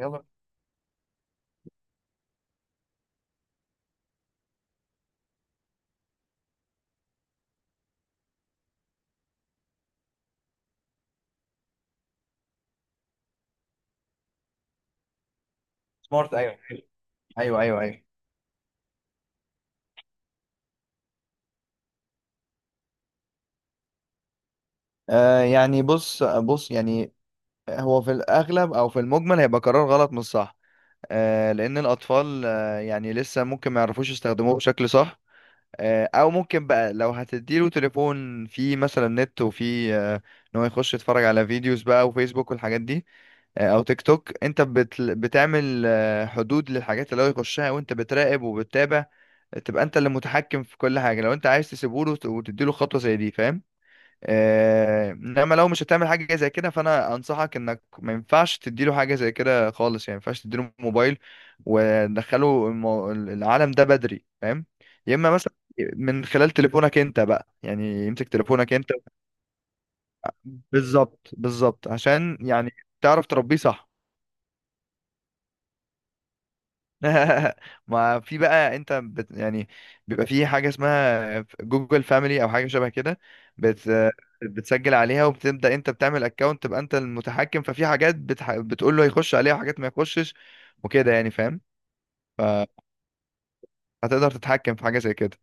يلا. سمارت، ايوه ايوه ايوه ايوه. يعني بص بص، يعني هو في الاغلب او في المجمل هيبقى قرار غلط مش صح. لان الاطفال يعني لسه ممكن ما يعرفوش يستخدموه بشكل صح. او ممكن بقى، لو هتديله تليفون فيه مثلا نت وفيه ان هو يخش يتفرج على فيديوز بقى وفيسبوك والحاجات دي، او تيك توك، انت بتعمل حدود للحاجات اللي هو يخشها وانت بتراقب وبتتابع، تبقى انت اللي متحكم في كل حاجة لو انت عايز تسيبه له وتديله خطوة زي دي، فاهم؟ آه، انما لو مش هتعمل حاجه زي كده، فانا انصحك انك ما ينفعش تديله حاجه زي كده خالص. يعني ما ينفعش تديله موبايل وتدخله العالم ده بدري، فاهم؟ يا اما مثلا من خلال تليفونك انت بقى، يعني يمسك تليفونك انت. بالظبط بالظبط، عشان يعني تعرف تربيه صح. ما في بقى، انت يعني بيبقى في حاجه اسمها جوجل فاميلي او حاجه شبه كده، بت بتسجل عليها وبتبدا انت بتعمل اكونت، تبقى انت المتحكم، ففي حاجات بتقول له يخش عليها وحاجات ما يخشش وكده، يعني فاهم. فهتقدر تتحكم في حاجه زي كده.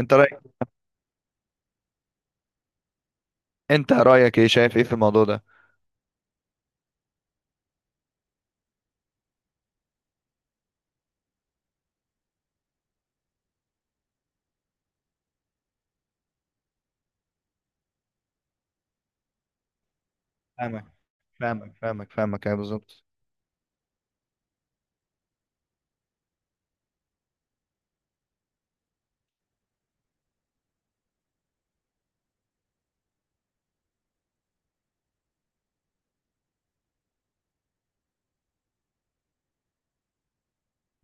انت رايك، انت رايك ايه، شايف ايه في الموضوع ده؟ فاهمك فاهمك فاهمك فاهمك، ايوه بالظبط.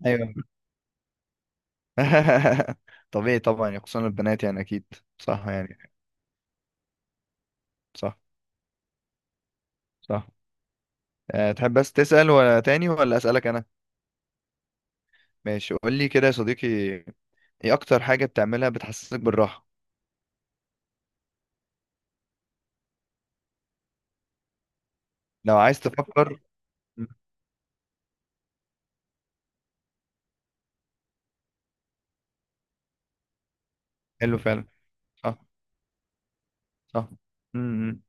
ايوه. طبيعي طبعا، يعني خصوصا البنات يعني اكيد. صح، يعني صح. صح. أه، تحب بس تسأل ولا تاني، ولا أسألك انا؟ ماشي قول لي كده يا صديقي، ايه اكتر حاجة بتعملها بتحسسك بالراحة؟ لو عايز تفكر. مم، حلو فعلا. صح. صح. امم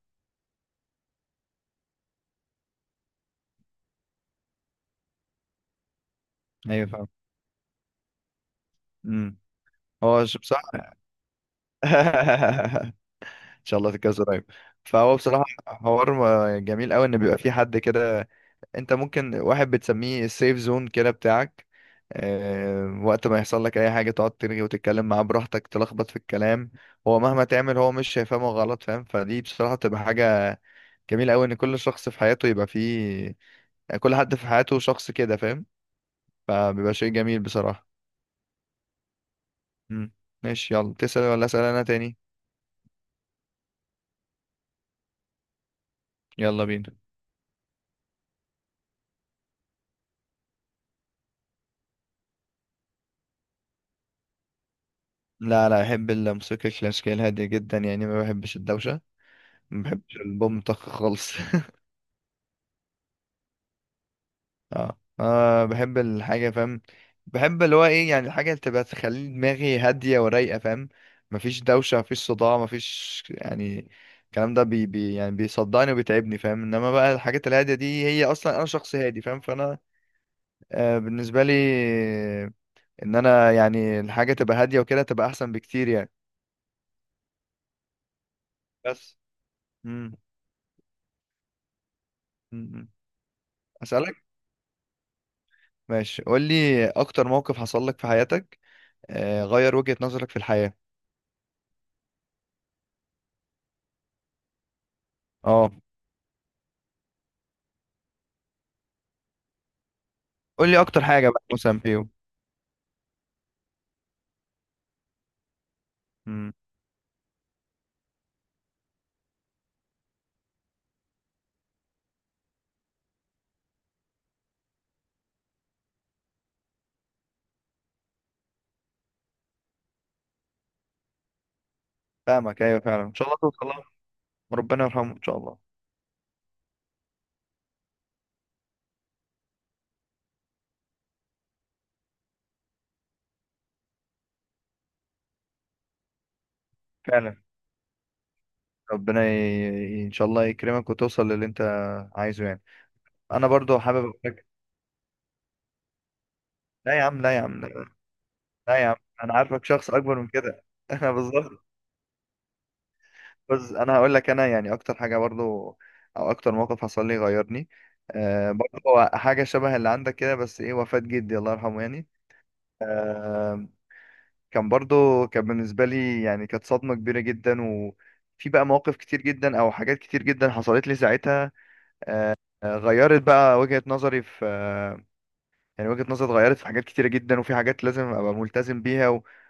ايوه فعلا. امم هو بصراحة. ان شاء الله تتجوز قريب. فهو بصراحة حوار جميل قوي ان بيبقى في حد كده. انت ممكن واحد بتسميه السيف زون كده بتاعك. آه، وقت ما يحصل لك اي حاجة تقعد ترغي وتتكلم معاه براحتك، تلخبط في الكلام، هو مهما تعمل هو مش هيفهمه غلط، فاهم؟ فدي بصراحة بتبقى حاجة جميل قوي، ان كل شخص في حياته يبقى فيه، يعني كل حد في حياته شخص كده، فاهم؟ فبيبقى شيء جميل بصراحة. امم ماشي يلا، تسأل ولا أسأل انا تاني؟ يلا بينا. لا لا، احب الموسيقى الكلاسيكية الهادية جدا، يعني ما بحبش الدوشة، ما بحبش البوم طخ خالص. اه، آه، بحب الحاجة، فاهم؟ بحب اللي هو ايه، يعني الحاجة اللي تبقى تخلي دماغي هادية ورايقة، فاهم؟ مفيش دوشة، مفيش صداع، مفيش يعني. الكلام ده بي يعني بيصدعني وبيتعبني، فاهم؟ انما بقى الحاجات الهادية دي، هي اصلا انا شخص هادي، فاهم؟ فانا آه، بالنسبة لي، ان انا يعني الحاجة تبقى هادية وكده تبقى احسن بكتير يعني. بس. مم. مم. اسألك. ماشي قول لي، اكتر موقف حصل لك في حياتك آه غير وجهة نظرك في الحياة. اه، قول لي اكتر حاجه بقى مثلا فيهم. امم فاهمك، ايوه فعلا، ان شاء الله توصل لها. ربنا يرحمه، ان شاء الله. فعلا. ربنا ان شاء الله يكرمك وتوصل للي انت عايزه يعني. انا برضو حابب اقول لك. لا يا عم، لا يا عم، لا. لا يا عم، انا عارفك شخص اكبر من كده. انا بالظبط. بس انا هقول لك، انا يعني اكتر حاجه برضو او اكتر موقف حصل لي غيرني، آه برضو هو حاجه شبه اللي عندك كده، بس ايه وفاة جدي الله يرحمه يعني. آه، كان برضو، كان بالنسبة لي يعني كانت صدمة كبيرة جدا، وفي بقى مواقف كتير جدا أو حاجات كتير جدا حصلت لي ساعتها، آه، غيرت بقى وجهة نظري في آه، يعني وجهة نظري اتغيرت في حاجات كتيرة جدا، وفي حاجات لازم أبقى ملتزم بيها.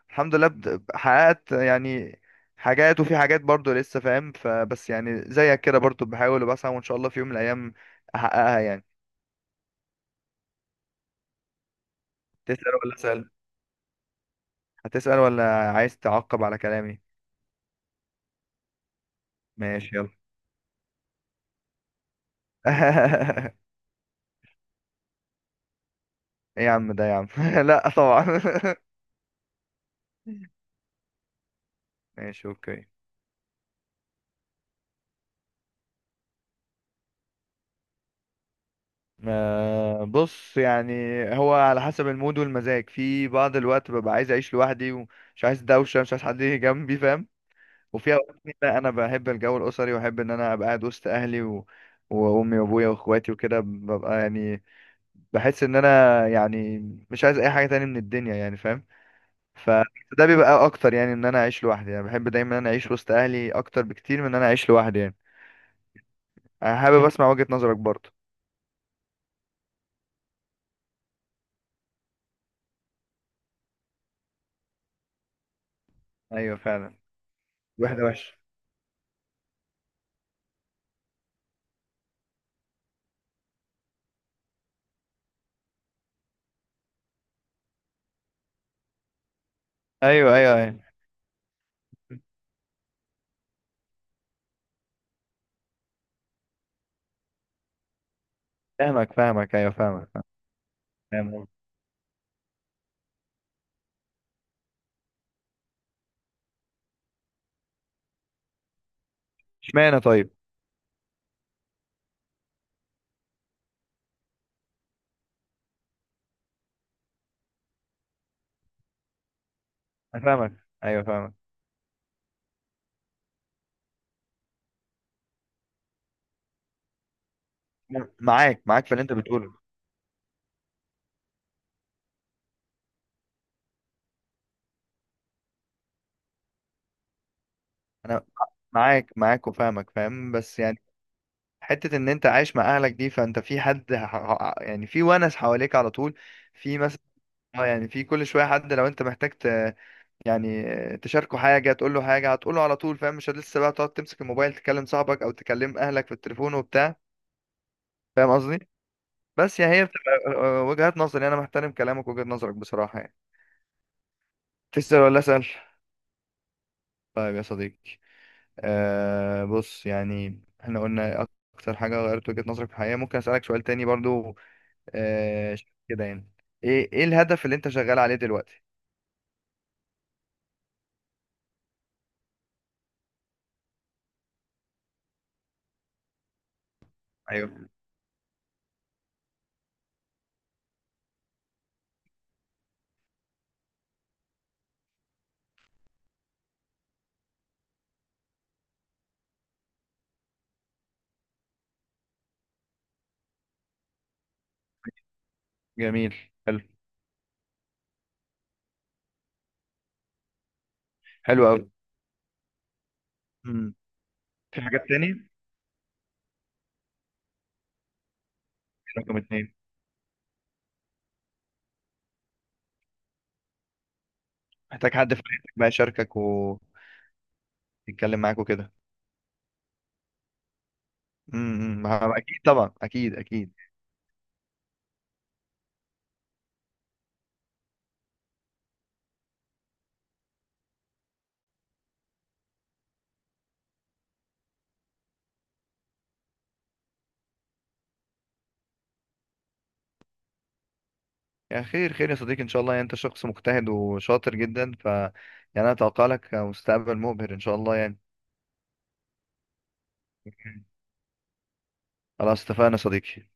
والحمد لله حققت يعني حاجات، وفي حاجات برضو لسه، فاهم؟ فبس يعني زيك كده برضو بحاول وبسعى، وإن شاء الله في يوم من الأيام أحققها يعني. تسأل ولا أسأل؟ هتسأل ولا عايز تعقب على كلامي؟ ماشي يلا. ايه يا عم ده يا عم. لا طبعا. ماشي، اوكي. آه بص يعني، هو على حسب المود والمزاج، في بعض الوقت ببقى عايز اعيش لوحدي ومش عايز دوشه، مش عايز حد يجي جنبي، فاهم؟ وفي اوقات تانية لا، انا بحب الجو الاسري، واحب ان انا ابقى قاعد وسط اهلي وامي وابويا واخواتي وكده، ببقى يعني بحس ان انا يعني مش عايز اي حاجه تانية من الدنيا يعني، فاهم؟ فده بيبقى اكتر، يعني ان انا اعيش لوحدي يعني. بحب دايما ان انا اعيش وسط اهلي اكتر بكتير من ان انا اعيش لوحدي يعني. انا حابب اسمع وجهة نظرك برضه. ايوه فعلا. واحدة وحشة. ايوه ايوه ايوه. فاهمك فاهمك، ايوه فاهمك. فاهم قصدك. اشمعنى طيب؟ انا فاهمك، ايوه فاهمك. معاك معاك في اللي انت بتقوله. انا معاك معاك وفاهمك، فاهم، بس يعني حتة ان انت عايش مع اهلك دي، فانت في حد يعني في ونس حواليك على طول، في مثلا، اه يعني في كل شوية حد، لو انت محتاج يعني تشاركه حاجة تقول له حاجة، هتقوله على طول، فاهم؟ مش لسه بقى تقعد تمسك الموبايل تكلم صاحبك او تكلم اهلك في التليفون وبتاع. فاهم قصدي؟ بس يعني هي بتبقى آه، وجهات نظر يعني. انا محترم كلامك، وجهة نظرك بصراحة يعني. تسأل ولا اسأل؟ طيب يا صديقي، آه بص يعني احنا قلنا اكتر حاجة غيرت وجهة نظرك في الحياة، ممكن اسألك سؤال تاني برضو؟ آه كده يعني، ايه ايه الهدف اللي انت شغال عليه دلوقتي؟ ايوه. جميل. حلو. حلو قوي. مم. في حاجات تاني؟ رقم اتنين، محتاج حد في حياتك بقى يشاركك ويتكلم معاك وكده. اكيد طبعا، اكيد اكيد. يا خير خير يا صديقي، ان شاء الله، يعني انت شخص مجتهد وشاطر جدا، ف يعني انا اتوقع لك مستقبل مبهر ان شاء الله يعني. خلاص اتفقنا يا صديقي.